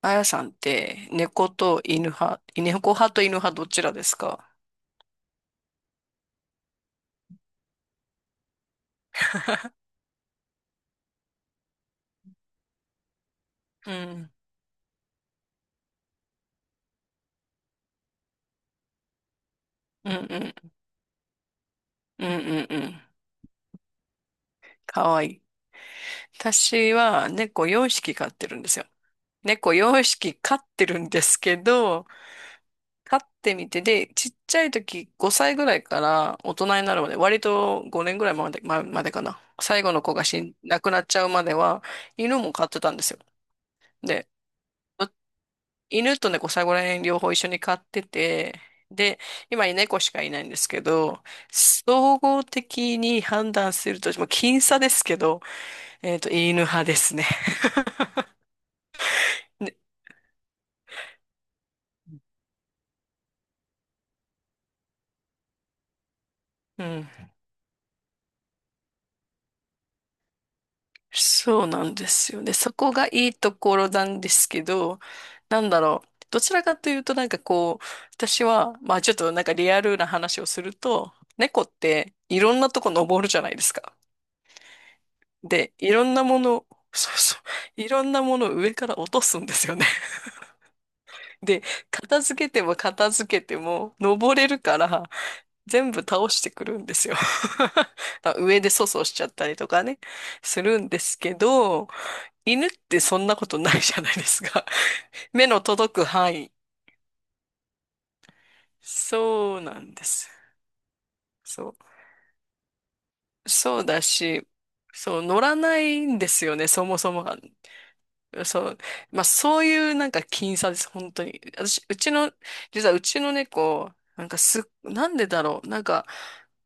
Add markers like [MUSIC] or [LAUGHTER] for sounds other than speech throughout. あやさんって猫と犬派、猫派と犬派どちらですか？うん。うんうんうん。うんうん。かわいい。私は猫4匹飼ってるんですよ。猫4匹飼ってるんですけど、飼ってみて、で、ちっちゃい時5歳ぐらいから大人になるまで、割と5年ぐらいまで、ま、までかな。最後の子が亡くなっちゃうまでは犬も飼ってたんですよ。で、犬と猫最後ら辺両方一緒に飼ってて、で、今猫しかいないんですけど、総合的に判断すると、もう僅差ですけど、犬派ですね。で、うん。そうなんですよね。そこがいいところなんですけど、なんだろう。どちらかというとなんかこう、私は、まあちょっとなんかリアルな話をすると、猫っていろんなとこ登るじゃないですか。で、いろんなもの、そうそいろんなものを上から落とすんですよね。で、片付けても片付けても登れるから全部倒してくるんですよ。[LAUGHS] まあ上で粗相しちゃったりとかね、するんですけど、犬ってそんなことないじゃないですか。[LAUGHS] 目の届く範囲。そうなんです。そう。そうだし、そう、乗らないんですよね、そもそもが。そう。まあ、そういうなんか僅差です、本当に。私、うちの、実はうちの猫、なんかすっ、なんでだろう。なんか、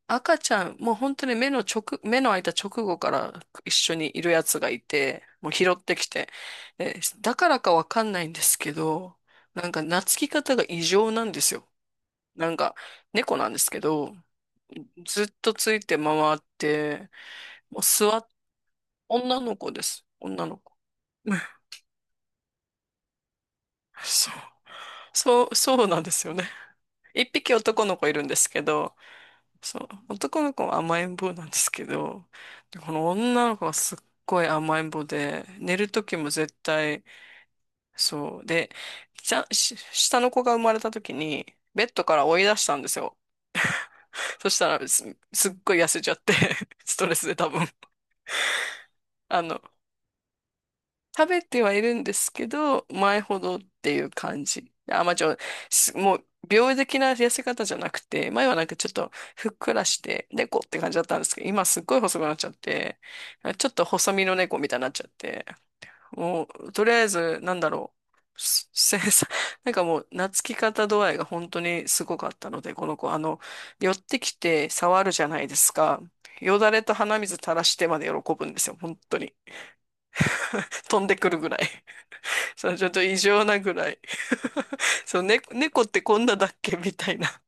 赤ちゃん、もう本当に目の開いた直後から一緒にいるやつがいて、もう拾ってきて。でだからかわかんないんですけど、なんか懐き方が異常なんですよ。なんか、猫なんですけど、ずっとついて回って、もう座っ、女の子です。女の子。[LAUGHS] そう。そう、[LAUGHS] そうなんですよね。一匹男の子いるんですけど、そう、男の子は甘えん坊なんですけど、この女の子はすっごい甘えん坊で、寝る時も絶対、そう。で、ちゃん、し下の子が生まれた時に、ベッドから追い出したんですよ。そしたらすっごい痩せちゃって、[LAUGHS] ストレスで多分。あの、食べてはいるんですけど、前ほどっていう感じ。あ、まあ、すもう、病的な痩せ方じゃなくて、前はなんかちょっとふっくらして、猫って感じだったんですけど、今すっごい細くなっちゃって、ちょっと細身の猫みたいになっちゃって、もう、とりあえず、う、すせ [LAUGHS] なんかもう、懐き方度合いが本当にすごかったので、この子、あの、寄ってきて触るじゃないですか。よだれと鼻水垂らしてまで喜ぶんですよ、本当に。[LAUGHS] 飛んでくるぐらい。そう、ちょっと異常なぐらい。[LAUGHS] そう、ね、猫ってこんなだっけみたいな。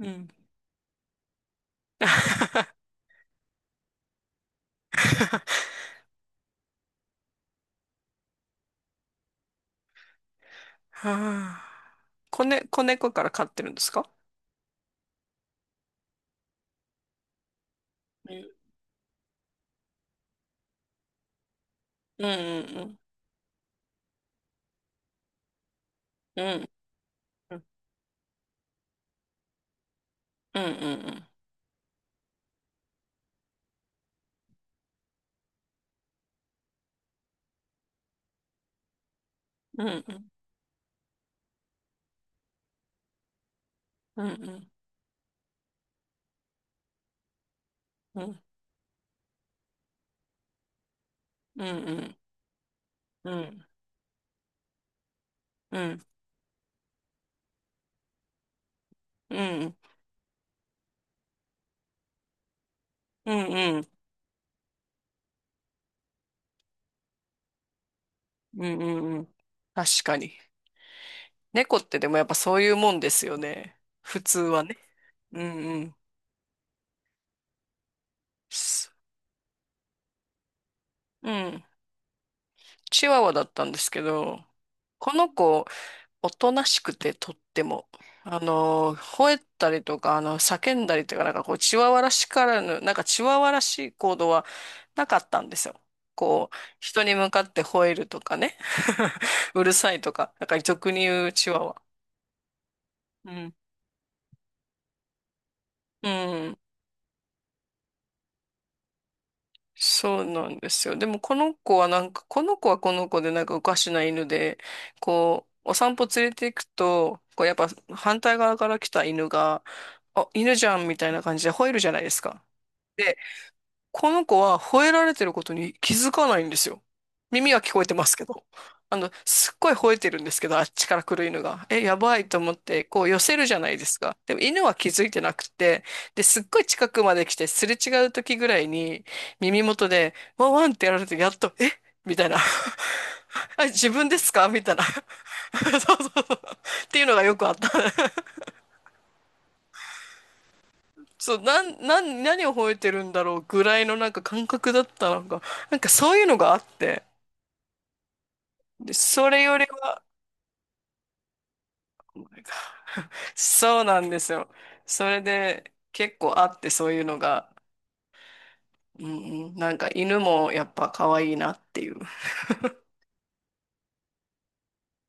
うん。[LAUGHS] はあ、子ね、子猫から飼ってるんですか？うんうんうんうんうんうんうんうんうんうんうんうんうんうんうんうんうん。確かに。猫ってでもやっぱそういうもんですよね。普通はね。うんうん。うん。チワワだったんですけど、この子おとなしくてとっても。あの、吠えたりとか、あの、叫んだりとか、なんかこう、チワワらしからぬ、なんかチワワらしい行動はなかったんですよ。こう、人に向かって吠えるとかね。[LAUGHS] うるさいとか、なんか俗に言うチワワ。うん。うん。そうなんですよ。でもこの子はなんか、この子はこの子でなんかおかしな犬で、こう、お散歩連れて行くと、こうやっぱ反対側から来た犬が、あ、犬じゃんみたいな感じで吠えるじゃないですか。で、この子は吠えられてることに気づかないんですよ。耳は聞こえてますけど。あの、すっごい吠えてるんですけど、あっちから来る犬が。え、やばいと思って、こう寄せるじゃないですか。でも犬は気づいてなくて、で、すっごい近くまで来て、すれ違う時ぐらいに、耳元で、ワンワンってやられて、やっと、えみたいな。[LAUGHS] あ、自分ですかみたいな。[LAUGHS] そうそうそう。っていうのがよくあった。そう、なん、なん、何を吠えてるんだろうぐらいのなんか感覚だったのが、なんかそういうのがあって、で、それよりは、[LAUGHS] そうなんですよ。それで結構あってそういうのが、うんうん、なんか犬もやっぱ可愛いなっていう。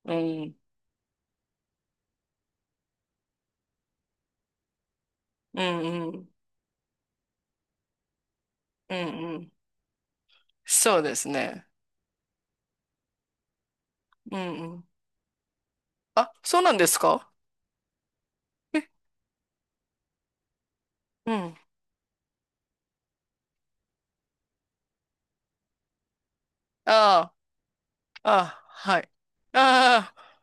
うん、うん、うん、うん、うん。そうですね。うん、うん。あ、そうなんですか？え、うん。ああ、ああ、はい。ああ、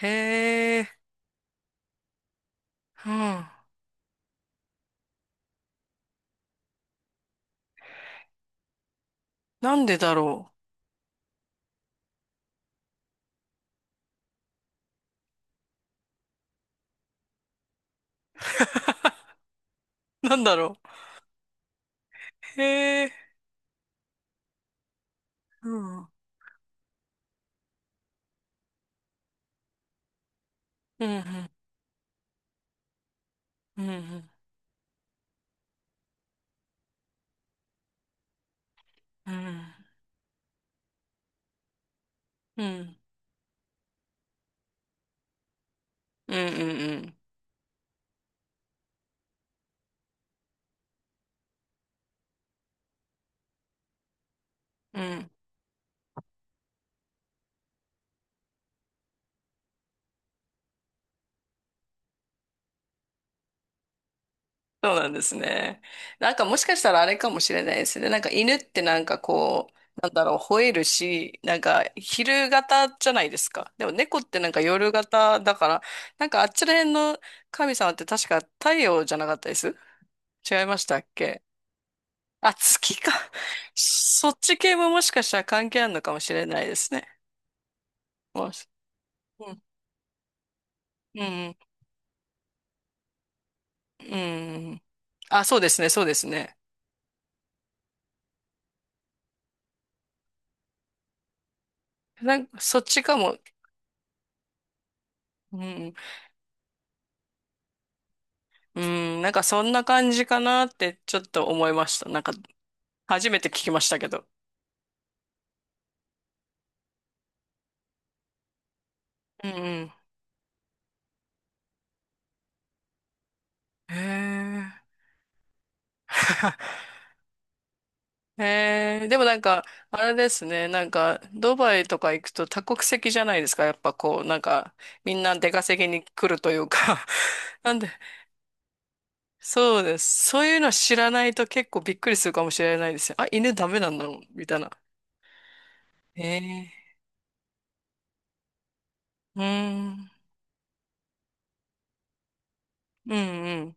へえ、うん。なんでだろう。[LAUGHS] [LAUGHS] なんだろう。へえ。うん。うん、うん、うん、うん、うん、うん、うん、うん。うん、そうなんですね。なんかもしかしたらあれかもしれないですね。なんか犬ってなんかこう、なんだろう、吠えるし、なんか昼型じゃないですか。でも猫ってなんか夜型だから、なんかあっちら辺の神様って確か太陽じゃなかったです？違いましたっけ？あ、月か。そっち系ももしかしたら関係あるのかもしれないですね。もし、うん。うんうん。あ、そうですね、そうですね。なんか、そっちかも。うん。うん、なんかそんな感じかなってちょっと思いました。なんか、初めて聞きましたけど。うんうん。へえ。[LAUGHS] へえ。でもなんか、あれですね。なんか、ドバイとか行くと多国籍じゃないですか。やっぱこう、なんか、みんな出稼ぎに来るというか。[LAUGHS] なんで、そうです。そういうの知らないと結構びっくりするかもしれないですよ。あ、犬ダメなんだろうみたいな。へえ。うん。うんうん。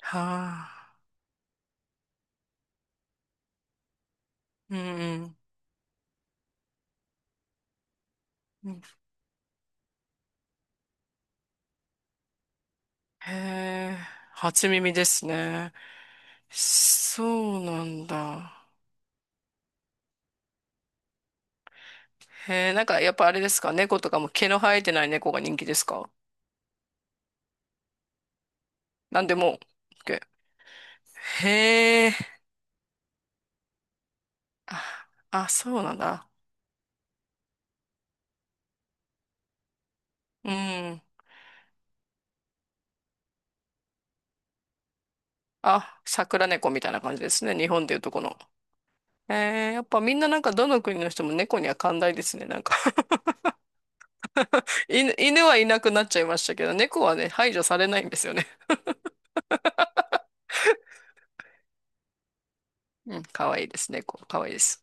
はあ。うんうん。へえ。初耳ですね。そうなんだ。へえ。なんかやっぱあれですか、猫とかも毛の生えてない猫が人気ですか？なんでも。OK。 へえ。あ、あ、そうなんだ。うん。あ、桜猫みたいな感じですね。日本でいうとこの。えー、やっぱみんななんかどの国の人も猫には寛大ですね。なんか、 [LAUGHS] 犬はいなくなっちゃいましたけど、猫はね、排除されないんですよね。うん、かわいいです。猫、かわいいです。